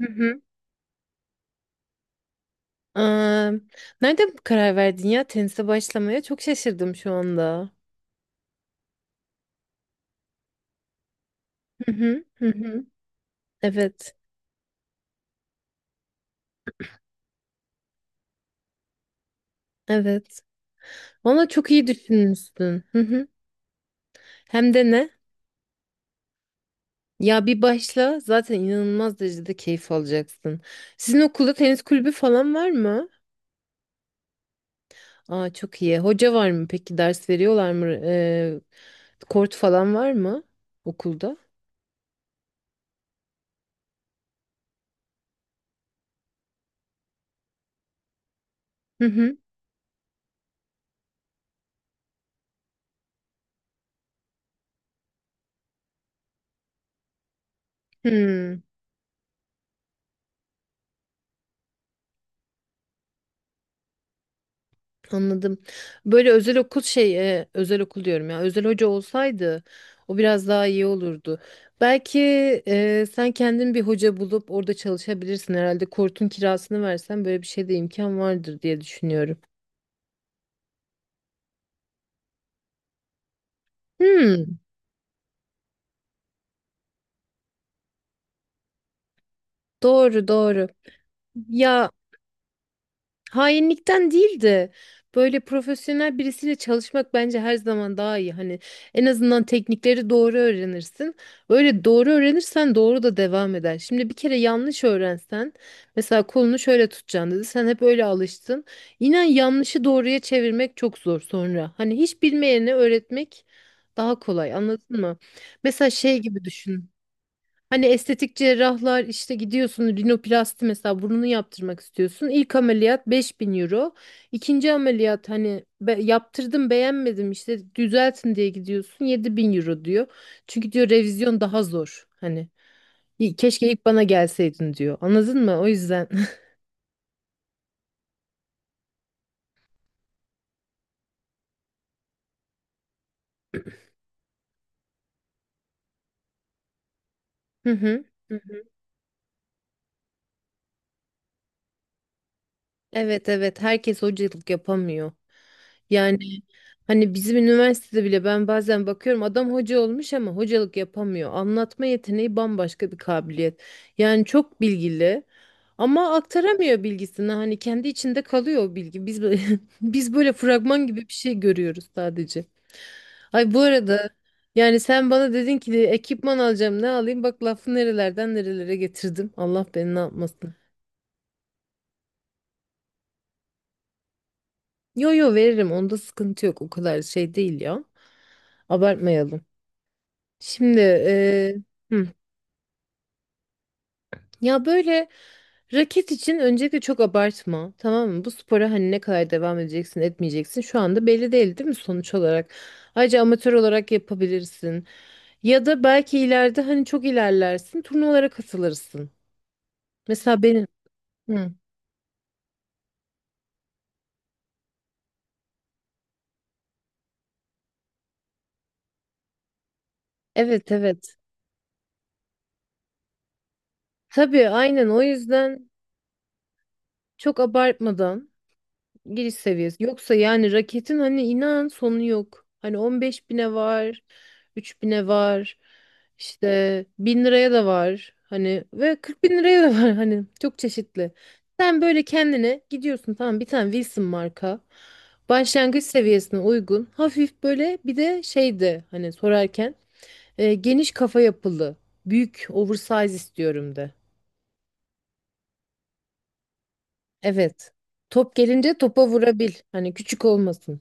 Hı hı. Aa, nerede bu karar verdin ya tenise başlamaya? Çok şaşırdım şu anda. Hı hı. Hı hı. Evet. Evet. Valla çok iyi düşünmüşsün. Hı hı. Hem de ne? Ya bir başla zaten inanılmaz derecede keyif alacaksın. Sizin okulda tenis kulübü falan var mı? Aa, çok iyi. Hoca var mı peki? Ders veriyorlar mı? Kort falan var mı okulda? Hı hı. Hı. Anladım. Böyle özel okul özel okul diyorum ya. Özel hoca olsaydı o biraz daha iyi olurdu. Belki sen kendin bir hoca bulup orada çalışabilirsin herhalde. Kortun kirasını versen böyle bir şey de imkan vardır diye düşünüyorum. Hmm, doğru doğru. Ya, hainlikten değil de böyle profesyonel birisiyle çalışmak bence her zaman daha iyi. Hani en azından teknikleri doğru öğrenirsin. Öyle doğru öğrenirsen doğru da devam eder. Şimdi bir kere yanlış öğrensen mesela kolunu şöyle tutacaksın dedi. Sen hep öyle alıştın. İnan yanlışı doğruya çevirmek çok zor sonra. Hani hiç bilmeyene öğretmek daha kolay, anladın mı? Mesela şey gibi düşün. Hani estetik cerrahlar işte gidiyorsun, rinoplasti mesela burnunu yaptırmak istiyorsun. İlk ameliyat 5.000 euro. İkinci ameliyat hani yaptırdım, beğenmedim, işte düzeltin diye gidiyorsun, 7.000 euro diyor. Çünkü diyor revizyon daha zor. Hani "İyi, keşke ilk bana gelseydin," diyor. Anladın mı? O yüzden. Hı hı. Evet evet, herkes hocalık yapamıyor. Yani hani bizim üniversitede bile ben bazen bakıyorum adam hoca olmuş ama hocalık yapamıyor. Anlatma yeteneği bambaşka bir kabiliyet. Yani çok bilgili ama aktaramıyor bilgisini. Hani kendi içinde kalıyor o bilgi. Biz biz böyle fragman gibi bir şey görüyoruz sadece. Ay, bu arada yani sen bana dedin ki ekipman alacağım ne alayım, bak lafı nerelerden nerelere getirdim. Allah beni ne yapmasın. Yo yo, veririm, onda sıkıntı yok, o kadar şey değil ya. Abartmayalım. Şimdi hı. Ya böyle raket için öncelikle çok abartma, tamam mı? Bu spora hani ne kadar devam edeceksin etmeyeceksin şu anda belli değil, değil mi, sonuç olarak? Ayrıca amatör olarak yapabilirsin. Ya da belki ileride hani çok ilerlersin, turnuvalara katılırsın. Mesela benim. Hı. Evet evet. Tabii aynen, o yüzden çok abartmadan. Giriş seviyesi. Yoksa yani raketin hani inan sonu yok. Hani 15 bine var, 3 bine var, işte 1000 liraya da var. Hani ve 40 bin liraya da var hani çok çeşitli. Sen böyle kendine gidiyorsun tamam bir tane Wilson marka. Başlangıç seviyesine uygun. Hafif böyle, bir de şeydi hani sorarken geniş kafa yapılı. Büyük, oversize istiyorum de. Evet. Top gelince topa vurabil. Hani küçük olmasın.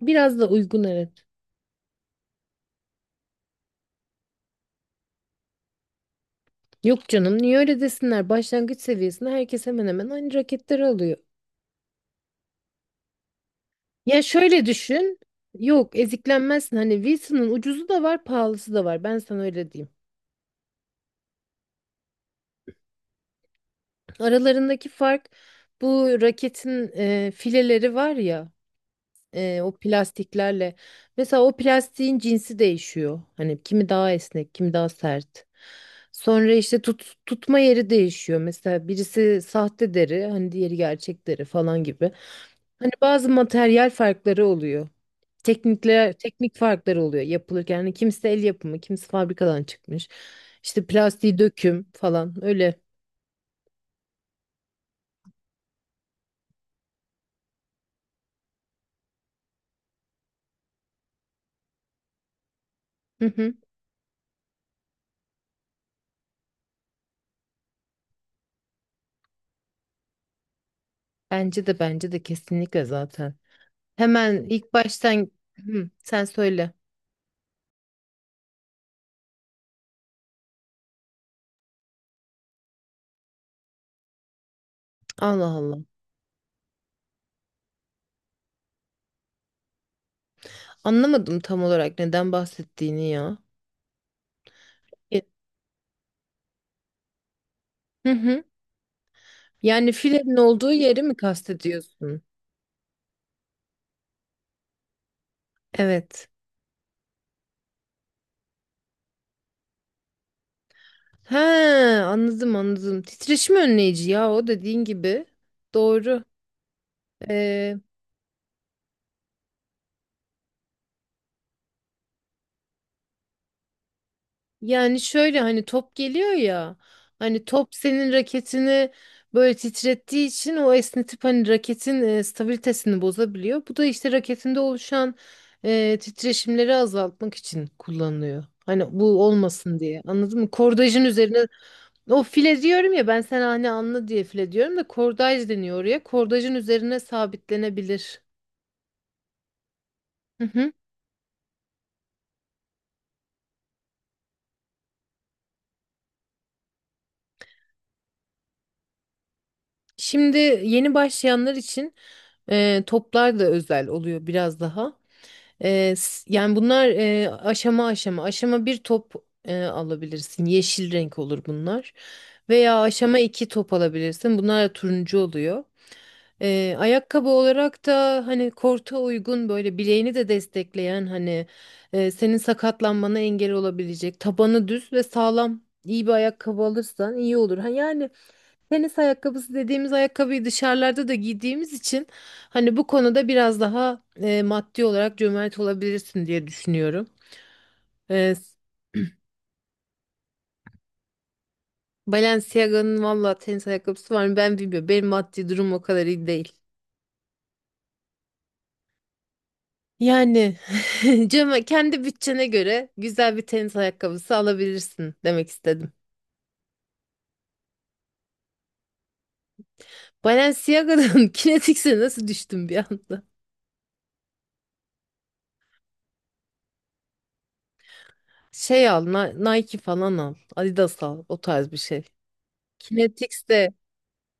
Biraz da uygun, evet. Yok canım, niye öyle desinler? Başlangıç seviyesinde herkes hemen hemen aynı raketleri alıyor. Ya şöyle düşün. Yok, eziklenmezsin. Hani Wilson'ın ucuzu da var, pahalısı da var. Ben sana öyle diyeyim. Aralarındaki fark bu raketin fileleri var ya. O plastiklerle. Mesela o plastiğin cinsi değişiyor. Hani kimi daha esnek, kimi daha sert. Sonra işte tut, tutma yeri değişiyor. Mesela birisi sahte deri, hani diğeri gerçek deri falan gibi. Hani bazı materyal farkları oluyor. Teknikler, teknik farkları oluyor yapılırken. Hani kimisi el yapımı, kimisi fabrikadan çıkmış. İşte plastiği döküm falan öyle. Hı hı. Bence de bence de kesinlikle zaten. Hemen ilk baştan. Hı, sen söyle. Allah Allah. Anlamadım tam olarak neden bahsettiğini ya. E, Hı hı. Yani filenin olduğu yeri mi kastediyorsun? Evet. He, anladım anladım. Titreşim önleyici ya, o dediğin gibi. Doğru. Ee, Yani şöyle hani top geliyor ya, hani top senin raketini böyle titrettiği için o esnetip hani raketin stabilitesini bozabiliyor. Bu da işte raketinde oluşan titreşimleri azaltmak için kullanılıyor. Hani bu olmasın diye, anladın mı? Kordajın üzerine o file diyorum ya, ben sana hani anla diye file diyorum da kordaj deniyor oraya. Kordajın üzerine sabitlenebilir. Hı hı. Şimdi yeni başlayanlar için toplar da özel oluyor biraz daha. Yani bunlar aşama aşama. Aşama bir top alabilirsin. Yeşil renk olur bunlar. Veya aşama iki top alabilirsin. Bunlar da turuncu oluyor. Ayakkabı olarak da hani korta uygun böyle bileğini de destekleyen hani senin sakatlanmana engel olabilecek tabanı düz ve sağlam iyi bir ayakkabı alırsan iyi olur. Ha, yani tenis ayakkabısı dediğimiz ayakkabıyı dışarılarda da giydiğimiz için hani bu konuda biraz daha maddi olarak cömert olabilirsin diye düşünüyorum. E, Balenciaga'nın valla tenis ayakkabısı var mı ben bilmiyorum. Benim maddi durum o kadar iyi değil. Yani cömert, kendi bütçene göre güzel bir tenis ayakkabısı alabilirsin demek istedim. Balenciaga'dan Kinetics'e nasıl düştüm bir anda? Şey al, Nike falan al, Adidas al, o tarz bir şey. Kinetix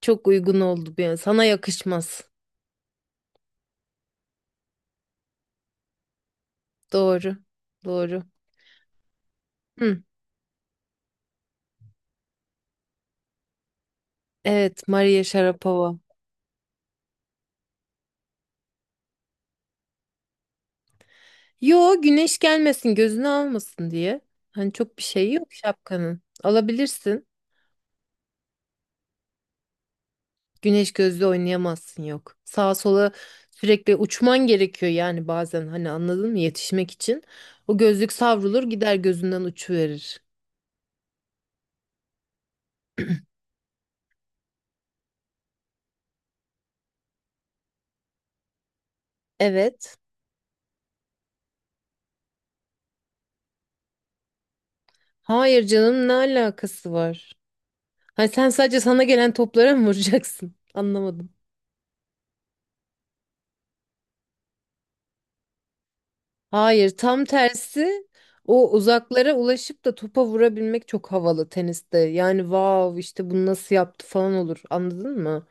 çok uygun oldu bir an. Sana yakışmaz. Doğru. Doğru. Hı. Evet, Maria Sharapova. Yo, güneş gelmesin, gözünü almasın diye. Hani çok bir şey yok şapkanın. Alabilirsin. Güneş gözlü oynayamazsın, yok. Sağa sola sürekli uçman gerekiyor yani, bazen hani anladın mı yetişmek için. O gözlük savrulur gider, gözünden uçuverir. Evet. Hayır canım, ne alakası var? Hani sen sadece sana gelen toplara mı vuracaksın? Anlamadım. Hayır, tam tersi. O uzaklara ulaşıp da topa vurabilmek çok havalı teniste. Yani wow, işte bunu nasıl yaptı falan olur. Anladın mı?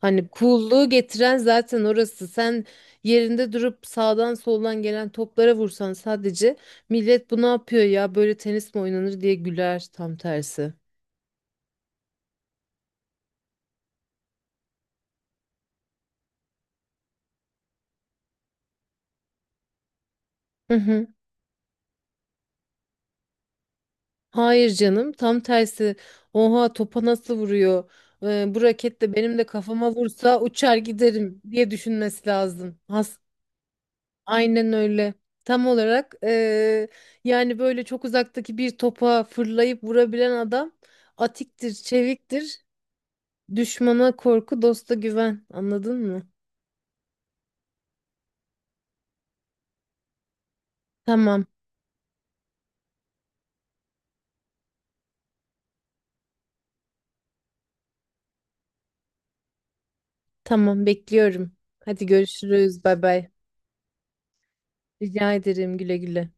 Hani cool'luğu getiren zaten orası. Sen yerinde durup sağdan soldan gelen toplara vursan sadece, millet bu ne yapıyor ya, böyle tenis mi oynanır diye güler, tam tersi. Hayır canım, tam tersi. Oha, topa nasıl vuruyor? Bu raket de benim de kafama vursa uçar giderim diye düşünmesi lazım. Aynen öyle. Tam olarak yani böyle çok uzaktaki bir topa fırlayıp vurabilen adam atiktir, çeviktir. Düşmana korku, dosta güven. Anladın mı? Tamam, tamam bekliyorum. Hadi görüşürüz. Bay bay. Rica ederim, güle güle.